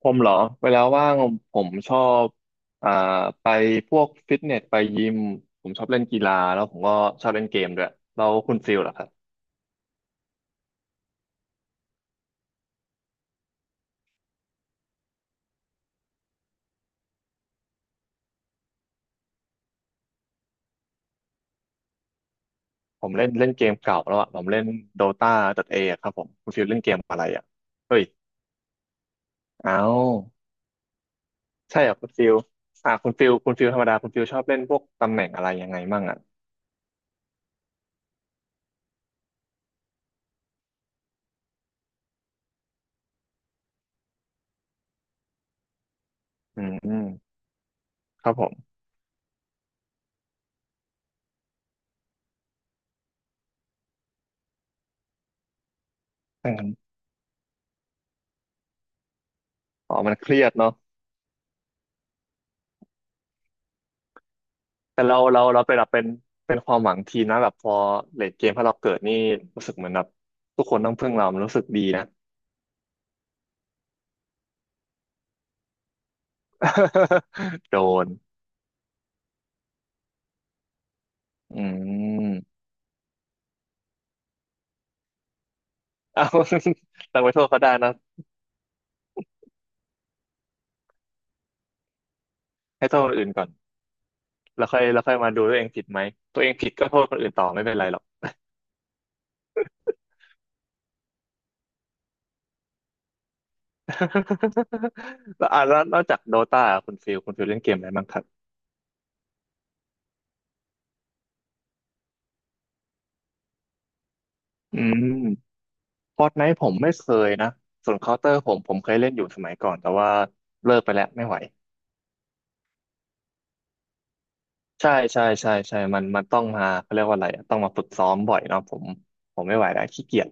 ผมเหรอเวลาว่างผมชอบอ่าไปพวกฟิตเนสไปยิมผมชอบเล่นกีฬาแล้วผมก็ชอบเล่นเกมด้วยแล้วคุณฟิลล่ะครับผมเล่นเล่นเกมเก่าแล้วอ่ะผมเล่นโดตาดเอครับผมคุณฟิลเล่นเกมอะไรอ่ะเฮ้ยอ้าวใช่เหรอคุณฟิลอ่าคุณฟิลธรรมดาคุณฟิลชอบเล่นพวกตำแหน่งอะไรยังไงมั่งอ่ะอืมครับผมดังนั้นอ๋อมันเครียดเนาะ แต่เราเป็นแบบเป็นความหวังทีมนะแบบพอเลทเกมถ้าเราเกิดนี่รู้สึกเหมือนแบบทุกคนต้องพึ่งเรามันรู้สึกดีนะ โดนอืม เอาเราไปโทษเขาได้นะให้โทษคนอื่นก่อนแล้วค่อยมาดูตัวเองผิดไหมตัวเองผิดก็โทษคนอื่นต่อไม่เป็นไรหรอก แล้วอ่ะแล้วนอกจากโดตาคุณฟิลเล่นเกมอะไรบ้างครับอืมฟอร์ตไนท์ผมไม่เคยนะส่วนเคาน์เตอร์ผมเคยเล่นอยู่สมัยก่อนแต่ว่าเลิกไปแล้วไม่ไหว ใช่ใช่ใช่ใช่มันต้องมาเขาเรียกว่าอะไรอะต้องมาฝึกซ้อมบ่อยเนาะผมไม่ไหวแล้วขี้เกียจ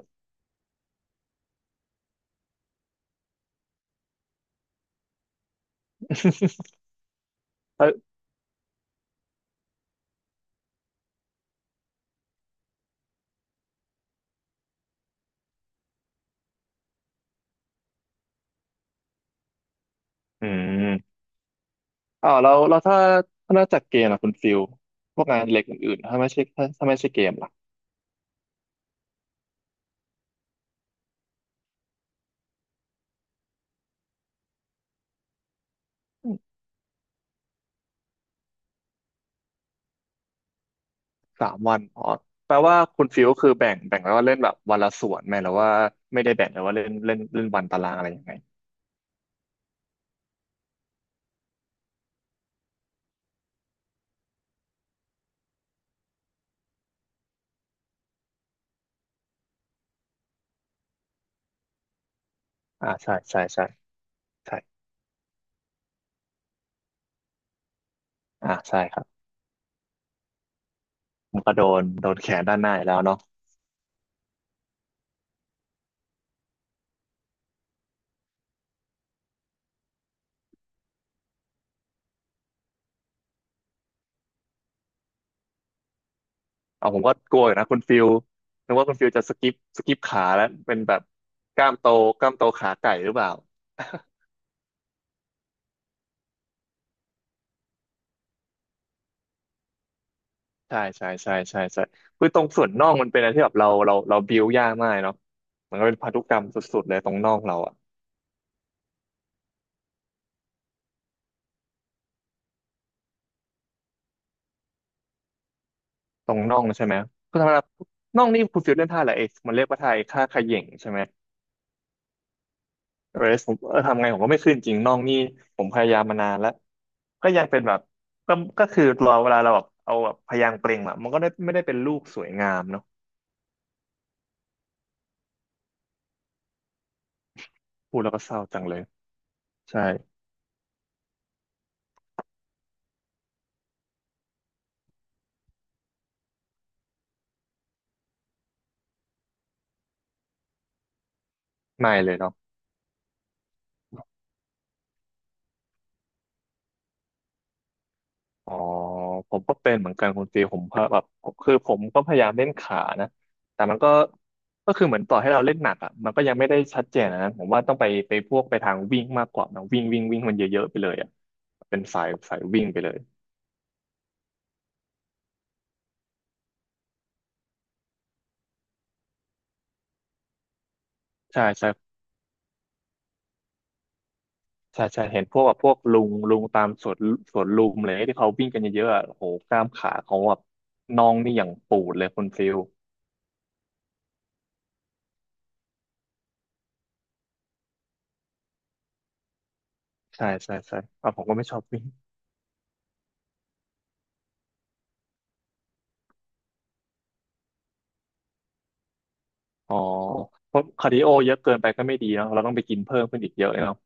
เอออืมอ๋อเราถ้าถ้านอกจากเกมอะคุณฟิลพวกงานอดิเล็กอื่นๆถ้าไม่ใช่ถ้าไม่ใช่เกมล่ะอืมสามวันอ๋อแปลว่าคุณฟิลก็คือแบ่งไว้ว่าเล่นแบบวันละส่วนไหมหรือว่าไม่ได้แบ่งเลยว่าเล่นเล่นเล่นวันตารางอะไรยังไงอ่าใช่ใช่ใช่ใช่อ่าใช่ครับผมก็โดนแขนด้านหน้าอีกแล้วเนาะ เอาผมก็กลัวอยู่นะคุณฟิลนึกว่าคุณฟิลจะสกิปขาแล้วเป็นแบบกล้ามโตกล้ามโตขาไก่หรือเปล่า ใช่ใช่ใช่ใช่ใช่คือตรงส่วนน่องมันเป็นอะไรที่แบบเราบิวยากมากเนาะมันก็เป็นพันธุกรรมสุดๆเลยตรงน่องเราอะตรงน่องใช่ไหมคือธรรมดาน่องนี่คุณฟิลเล่นท่าอะไรเอกมันเรียกว่าท่าไอ้ท่าเขย่งใช่ไหมเรสผมเออทำไงผมก็ไม่ขึ้นจริงน่องนี่ผมพยายามมานานแล้วก็ยังเป็นแบบก็ก็คือรอเวลาเราแบบเอาแบบพยางค์เปล่งอะมันก็ได้ไม่ได้เป็นลูกสวยงามเนาะ พูดแล้วก็เศร้าจังเลยใช่ไม่เลยเนาะอ๋อผมก็เป็นเหมือนกันคุณตีผมก็แบบคือผมก็พยายามเล่นขานะแต่มันก็ก็คือเหมือนต่อให้เราเล่นหนักอ่ะมันก็ยังไม่ได้ชัดเจนอะนะผมว่าต้องไปไปพวกไปทางวิ่งมากกว่านะวิ่งวิ่งวิ่งมันเยอะๆไปเลยอ่ะเป็นสายสายวิ่งไปเลยใช่ใช่ใช่ใช่เห็นพวกแบบพวกลุงลุงตามสวนสวนลุมเลยที่เขาวิ่งกันเยอะๆอะโอ้โหกล้ามขาเขาแบบน่องนี่อย่างปูดเลยคุณฟิลใช่ใช่ใช่อ่ะผมก็ไม่ชอบวิ่ง อ๋อเพราะคาร์ดิโอเยอะเกินไปก็ไม่ดีเนาะเราต้องไปกินเพิ่มขึ้นอีกเยอะเลยเนาะ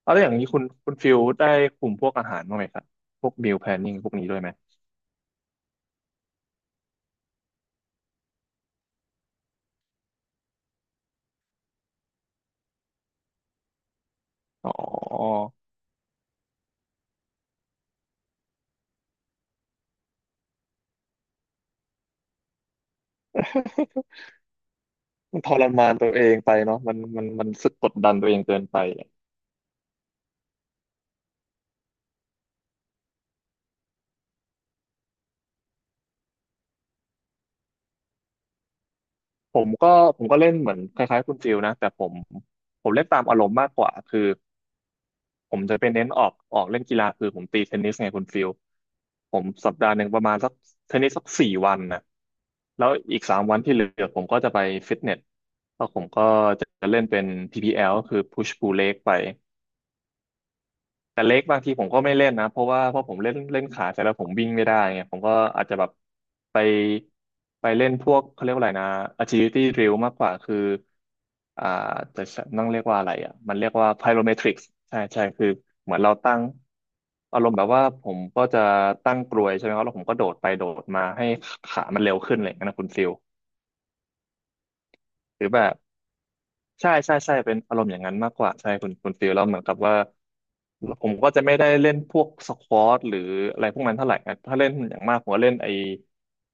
เอาแล้วอย่างนี้คุณฟิลได้คุมพวกอาหารบ้างไหมครับพวกมิลแพลนนิ่งพวกนี้ด้วยไหมอ๋อ มันทรมานตัวเองไปเนาะมันรู้สึกกดดันตัวเองเกินไปผมก็ผมก็เล่นเหมือนคล้ายๆคุณฟิลนะแต่ผมผมเล่นตามอารมณ์มากกว่าคือ ผมจะไปเน้นออกเล่นกีฬาคือผมตีเทนนิสไงคุณฟิล ผม1 สัปดาห์ประมาณสักเทนนิสสัก4 วันนะแล้วอีกสามวันที่เหลือผมก็จะไปฟิตเนสแล้วผมก็จะเล่นเป็น PPL ก็คือ Push Pull Leg ไป แต่เล็กบางทีผมก็ไม่เล่นนะเพราะว่าเพราะผมเล่นเล่นขาแต่แล้วผมวิ่งไม่ได้ไงผมก็อาจจะแบบไปไปเล่นพวกเขาเรียกว่าอะไรนะ agility drill มากกว่าคืออ่าแต่ต้องเรียกว่าอะไรอ่ะมันเรียกว่า pyrometrics ใช่ใช่คือเหมือนเราตั้งอารมณ์แบบว่าผมก็จะตั้งกลวยใช่ไหมครับแล้วผมก็โดดไปโดดมาให้ขามันเร็วขึ้นอะไรอย่างเงี้ยนะคุณฟิลหรือแบบ ใช่ใช่ใช่เป็นอารมณ์อย่างนั้นมากกว่าใช่คุณฟิลแล้วเหมือนกับว่าผมก็จะไม่ได้เล่นพวกสควอตหรืออะไรพวกนั้นเท่าไหร่นะถ้าเล่นอย่างมากผมก็เล่นไอ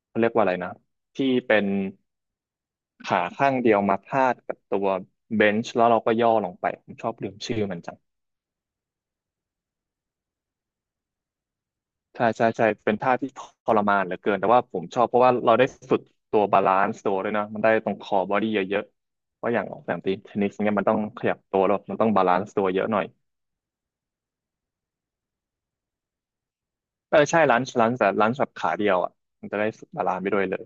เขาเรียกว่าอะไรนะที่เป็นขาข้างเดียวมาพาดกับตัวเบนช์แล้วเราก็ย่อลงไปผมชอบลืมชื่อมันจังใช่ใช่ใช่เป็นท่าที่ทรมานเหลือเกินแต่ว่าผมชอบเพราะว่าเราได้ฝึกตัวบาลานซ์ตัวด้วยนะมันได้ตรงคอบอดี้เยอะๆเพราะอย่างออกแบบตีเทนนิสเนี่ยมันต้องขยับตัวแล้วมันต้องบาลานซ์ตัวเยอะหน่อย เออใช่ร้านแต่ร้านสับขาเดียวอ่ะมันจะได้บาลานซ์ไปด้วยเลย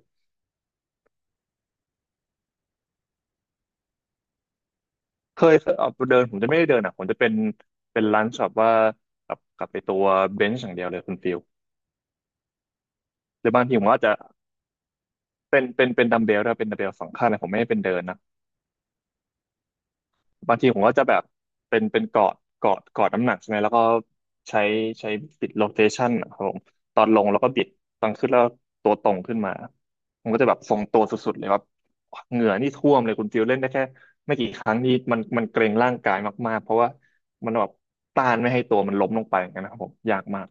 เคยเอาเดินผมจะไม่ได้เดินอ่ะผมจะเป็นเป็นร้านสับว่ากับไปตัวเบนช์อย่างเดียวเลยคุณฟิลหรือบางทีผมก็อาจจะเป็นดัมเบลด้วยเป็นดัมเบลสองข้างนะผมไม่ได้เป็นเดินนะ บางทีผมก็จะแบบเป็นเกาะเกาะน้ำหนักใช่ไหมแล้วก็ใช้ใช้บิดโรเทชันครับผมตอนลงแล้วก็บิดตอนขึ้นแล้วตัวตรงขึ้นมาผมก็จะแบบทรงตัวสุดๆเลยว่าเหงื่อนี่ท่วมเลยคุณฟิลเล่นได้แค่ไม่กี่ครั้งนี่มันเกรงร่างกายมากๆเพราะว่ามันแบบต้านไม่ให้ตัวมันล้มลงไปอย่างนั้นนะครับผมยากมาก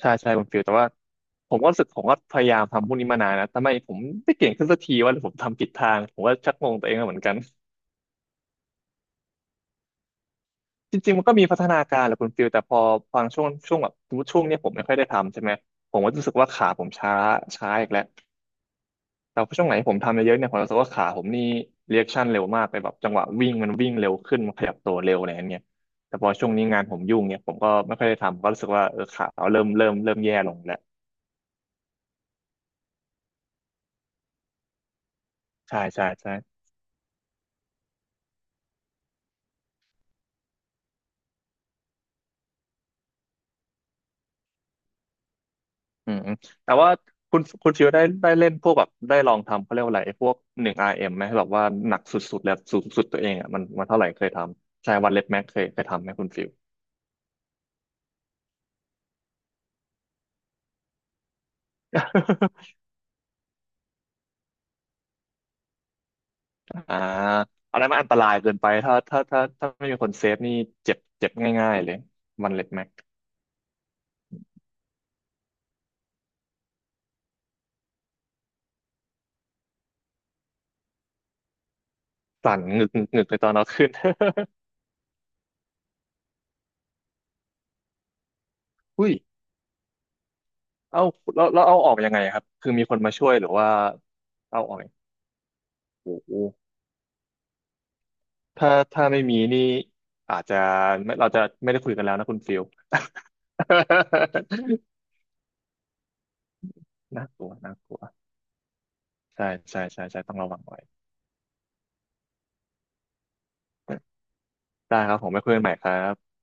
ใช่ใช่คุณฟิลแต่ว่าผมก็รู้สึกผมก็พยายามทำพวกนี้มานานนะทำไมผมไม่เก่งขึ้นสักทีว่าผมทำผิดทางผมก็ชักงงตัวเองเหมือนกัน จริงๆมันก็มีพัฒนาการแหละคุณฟิลแต่พอฟังช่วงแบบสมมติช่วงเนี้ยผมไม่ค่อยได้ทำใช่ไหมผมก็รู้สึกว่าขาผมช้าช้าอีกแล้วแต่พอช่วงไหนผมทำเยอะๆเนี่ยผมรู้สึกว่าขาผมนี่เรียชั่นเร็วมากเลยแบบจังหวะวิ่งมันวิ่งเร็วขึ้นมันขยับตัวเร็วอะไรอย่างเงี้ยแต่พอช่วงนี้งานผมยุ่งเนี่ยผมก็ไม่ค่อยได้ทำก็รู้สึกว่าเออขาเราเริ่มแย่ลงแล้วใช่ใช่ใช่ อืมอืมแต่ว่าคุณชิวได้เล่นพวกแบบได้ลองทำเขาเรียกว่าอะไรไอ้พวกหนึ่งอาร์เอ็ m ไหมแบบว่าหนักสุดๆแล้วสูงสุดตัวเองอ่ะมันมันเท่าไหร่เคยทำใช่วันเล็บแม็กเคยทำไหมคุณฟิว อ่าอันนั้นมันอันตรายเกินไปถ้าไม่มีคนเซฟนี่เจ็บเจ็บง่ายๆเลยวันเล็บแม็กสั่นงึกงึกงึกเลยตอนเอาขึ้น อุ้ยเอาแล้วเอาออกยังไงครับคือมีคนมาช่วยหรือว่าเอาออกเองโอ้โห ถ้าไม่มีนี่อาจจะไม่เราจะไม่ได้คุยกันแล้วนะคุณฟิล น่ากลัวน่ากลัว ใช่ใช่ใช่ใช่ต้องระวังไว้ ได้ครับผมไปคุยกันใหม่ครับ